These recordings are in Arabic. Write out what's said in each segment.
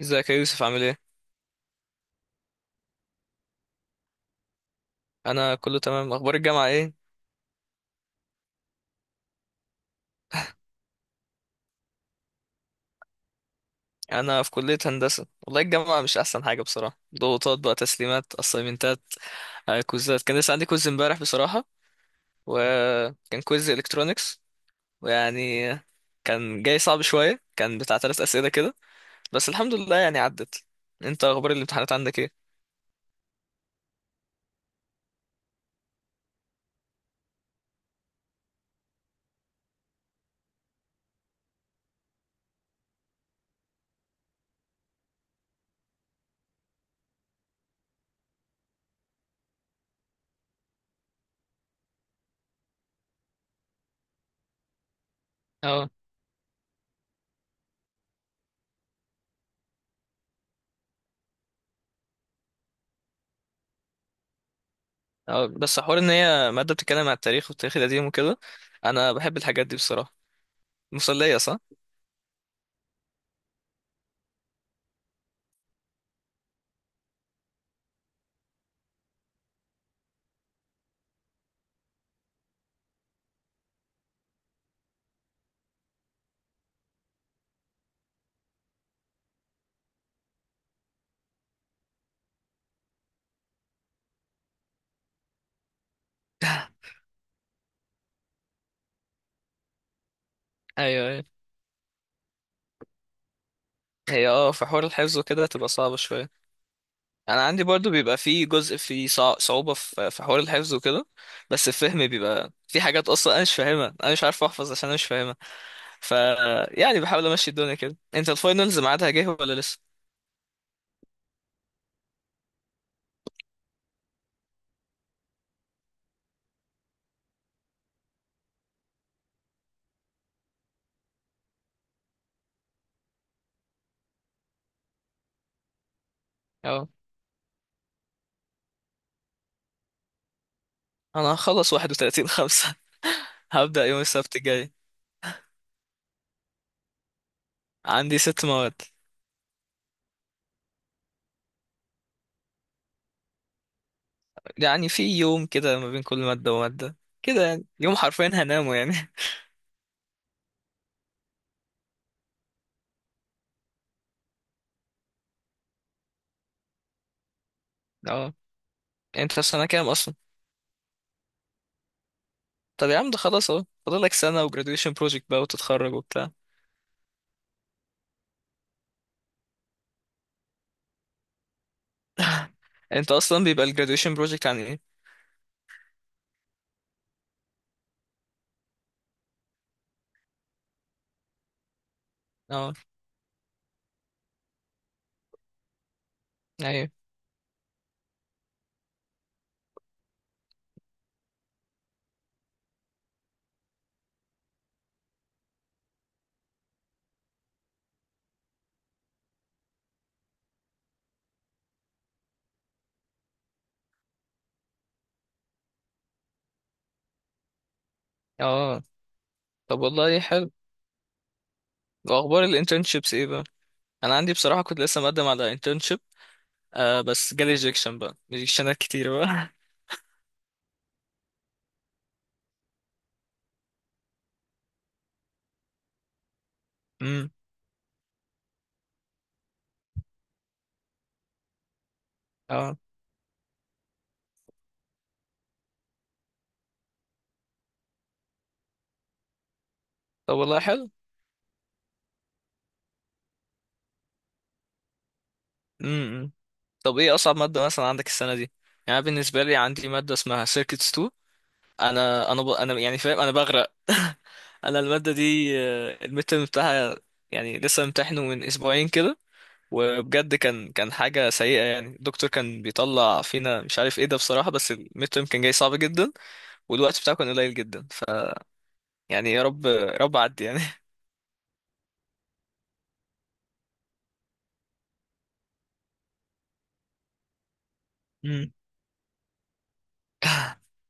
ازيك يا يوسف عامل ايه؟ انا كله تمام، اخبار الجامعه ايه؟ انا في كليه هندسه. والله الجامعه مش احسن حاجه بصراحه. ضغوطات بقى، تسليمات، اسايمنتات، كوزات. كان لسه عندي كوز امبارح بصراحه. وكان كوز الكترونكس، ويعني كان جاي صعب شويه، كان بتاع ثلاث اسئله كده. بس الحمد لله يعني عدت. انت اخبار الامتحانات عندك ايه؟ اه، اه، بس حوار ان هي ماده بتتكلم عن التاريخ، والتاريخ القديم وكده. انا بحب الحاجات دي بصراحه. مسليه، صح؟ ايوه. هي، في حوار الحفظ وكده تبقى صعبة شوية. انا عندي برضو بيبقى في جزء، في صعوبة في حوار الحفظ وكده. بس الفهم بيبقى في حاجات اصلا انا مش فاهمها، انا مش عارف احفظ عشان انا مش فاهمها. ف يعني بحاول امشي الدنيا كده. انت الفاينلز ميعادها جه ولا لسه؟ اه، انا هخلص 31/5. هبدأ يوم السبت الجاي. عندي ست مواد. يعني في يوم كده ما بين كل مادة ومادة، كده يعني يوم حرفيا هنامه يعني. اه. انت في سنة كام اصلا؟ طب يا عم، ده خلاص اهو، فاضلك سنة و graduation project بقى وتتخرج وبتاع. انت اصلا بيبقى ال graduation project عن ايه؟ اه، ايوه، اه. طب والله حلو. واخبار ال internships ايه بقى؟ انا عندي بصراحة، كنت لسه مقدم على internship. آه، بس جالي rejection بقى، rejectionات كتير بقى. امم. اه، طب والله حلو. امم. طب ايه اصعب مادة مثلا عندك السنة دي؟ يعني أنا بالنسبة لي عندي مادة اسمها circuits 2. انا يعني فاهم، انا بغرق. انا الماده دي، المتر بتاعها، يعني لسه امتحنه من اسبوعين كده. وبجد كان حاجه سيئه، يعني الدكتور كان بيطلع فينا مش عارف ايه ده بصراحه، بس المتر كان جاي صعب جدا. والوقت بتاعه كان قليل جدا. يعني يا رب يا رب عدي يعني. مم.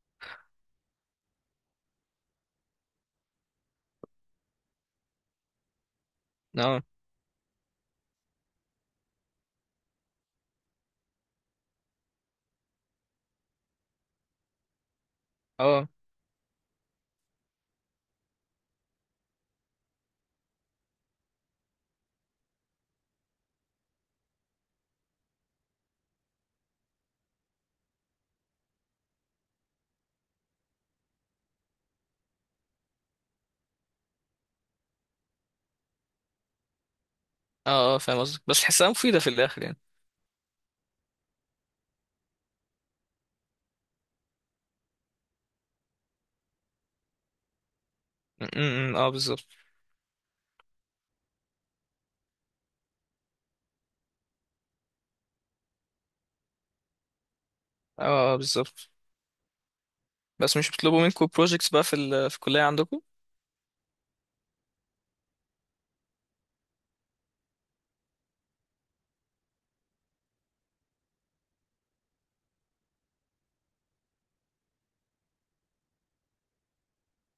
اه، اه، اه، اه، فاهم قصدك، بس تحسها مفيده في الاخر يعني؟ م- م- م، اه، بالظبط. اه، اه، بالظبط. بس مش بيطلبوا منكم بروجيكتس بقى في الكليه عندكم؟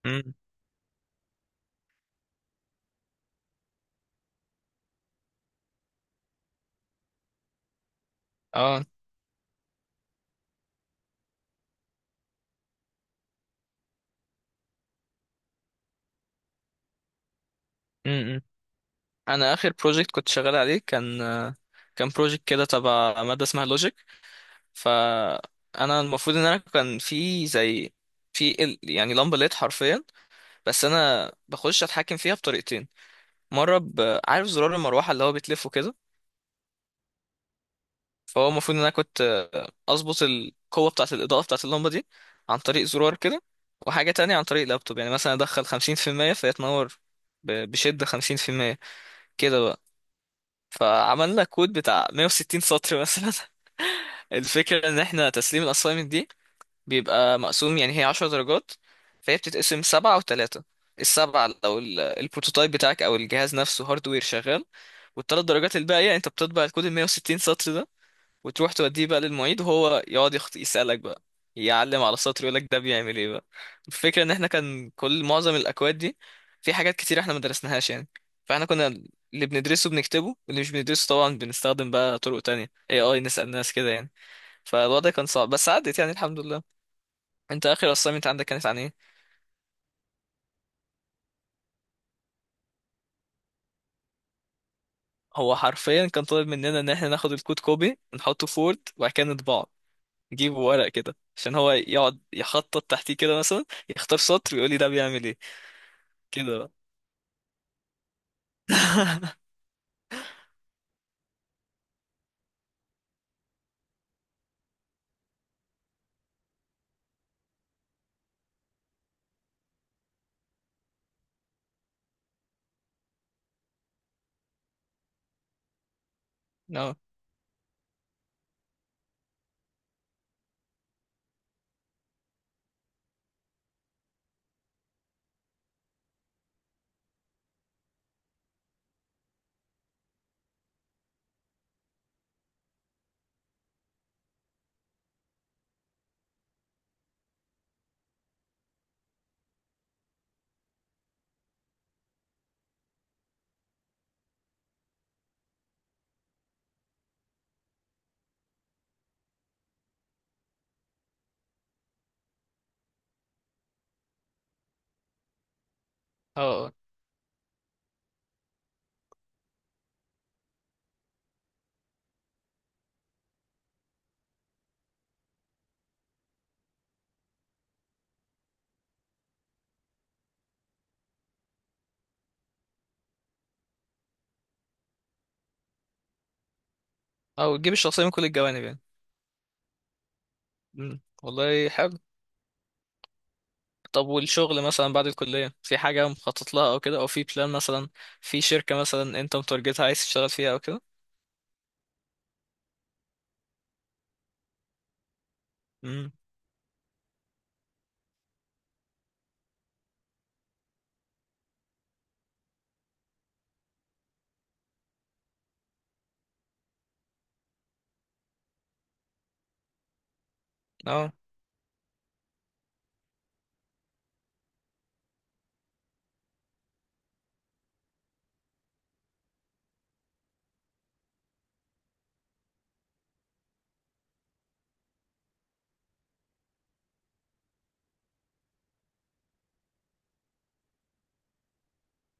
امم، اه، امم. انا اخر بروجكت كنت شغال عليه، كان بروجكت كده تبع ماده اسمها لوجيك. فانا المفروض ان انا كان في زي يعني لمبه ليد حرفيا. بس انا بخش اتحكم فيها بطريقتين. مره عارف زرار المروحه اللي هو بيتلفه كده. فهو المفروض ان انا كنت اظبط القوه بتاعه الاضاءه بتاعه اللمبه دي، عن طريق زرار كده. وحاجه تانية عن طريق لابتوب، يعني مثلا ادخل 50%، فهي تنور بشده 50%. كده بقى. فعملنا كود بتاع 160 سطر مثلا. الفكرة ان احنا تسليم الاسايمنت دي بيبقى مقسوم، يعني هي 10 درجات، فهي بتتقسم سبعة وتلاتة. السبعة لو البروتوتايب بتاعك او الجهاز نفسه هاردوير شغال. والتلات درجات الباقية، انت بتطبع الكود ال 160 سطر ده، وتروح توديه بقى للمعيد، وهو يقعد يسألك بقى، يعلم على السطر يقولك ده بيعمل ايه بقى. الفكرة ان احنا كان كل معظم الاكواد دي، في حاجات كتير احنا ما درسناهاش يعني. فاحنا كنا اللي بندرسه بنكتبه، واللي مش بندرسه طبعا بنستخدم بقى طرق تانية، اي نسأل ناس كده يعني. فالوضع كان صعب بس عدت يعني الحمد لله. انت اخر assignment عندك كانت عن ايه؟ هو حرفيا كان طالب مننا ان احنا ناخد الكود كوبي، نحطه في وورد، وبعد كده نطبعه، نجيبه ورق كده عشان هو يقعد يخطط تحتيه كده مثلا، يختار سطر ويقول لي ده بيعمل ايه. كده بقى. اه، اه، او تجيب الشخصية من كل الجوانب يعني؟ مم. والله حلو. طب، والشغل مثلا بعد الكلية في حاجة مخطط لها او كده، او في بلان مثلا، في شركة مثلا انت متارجتها عايز تشتغل فيها او كده؟ امم، اه،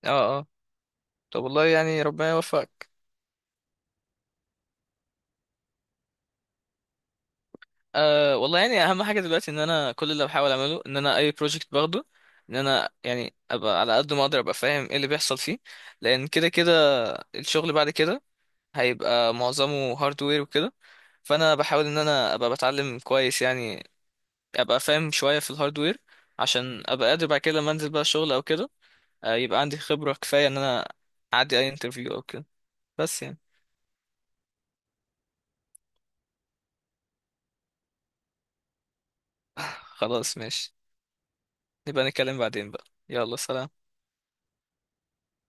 اه، اه. طب والله يعني ربنا يوفقك. آه والله يعني، اهم حاجة دلوقتي ان انا كل اللي بحاول اعمله ان انا اي بروجكت باخده، ان انا يعني ابقى على قد ما اقدر ابقى فاهم ايه اللي بيحصل فيه. لان كده كده الشغل بعد كده هيبقى معظمه هاردوير وكده. فانا بحاول ان انا ابقى بتعلم كويس يعني، ابقى فاهم شويه في الهاردوير، عشان ابقى قادر بعد كده لما انزل بقى شغل او كده، يبقى عندي خبره كفايه ان انا اعدي اي انترفيو او كده. بس يعني. خلاص ماشي. نبقى نتكلم بعدين بقى. يلا سلام.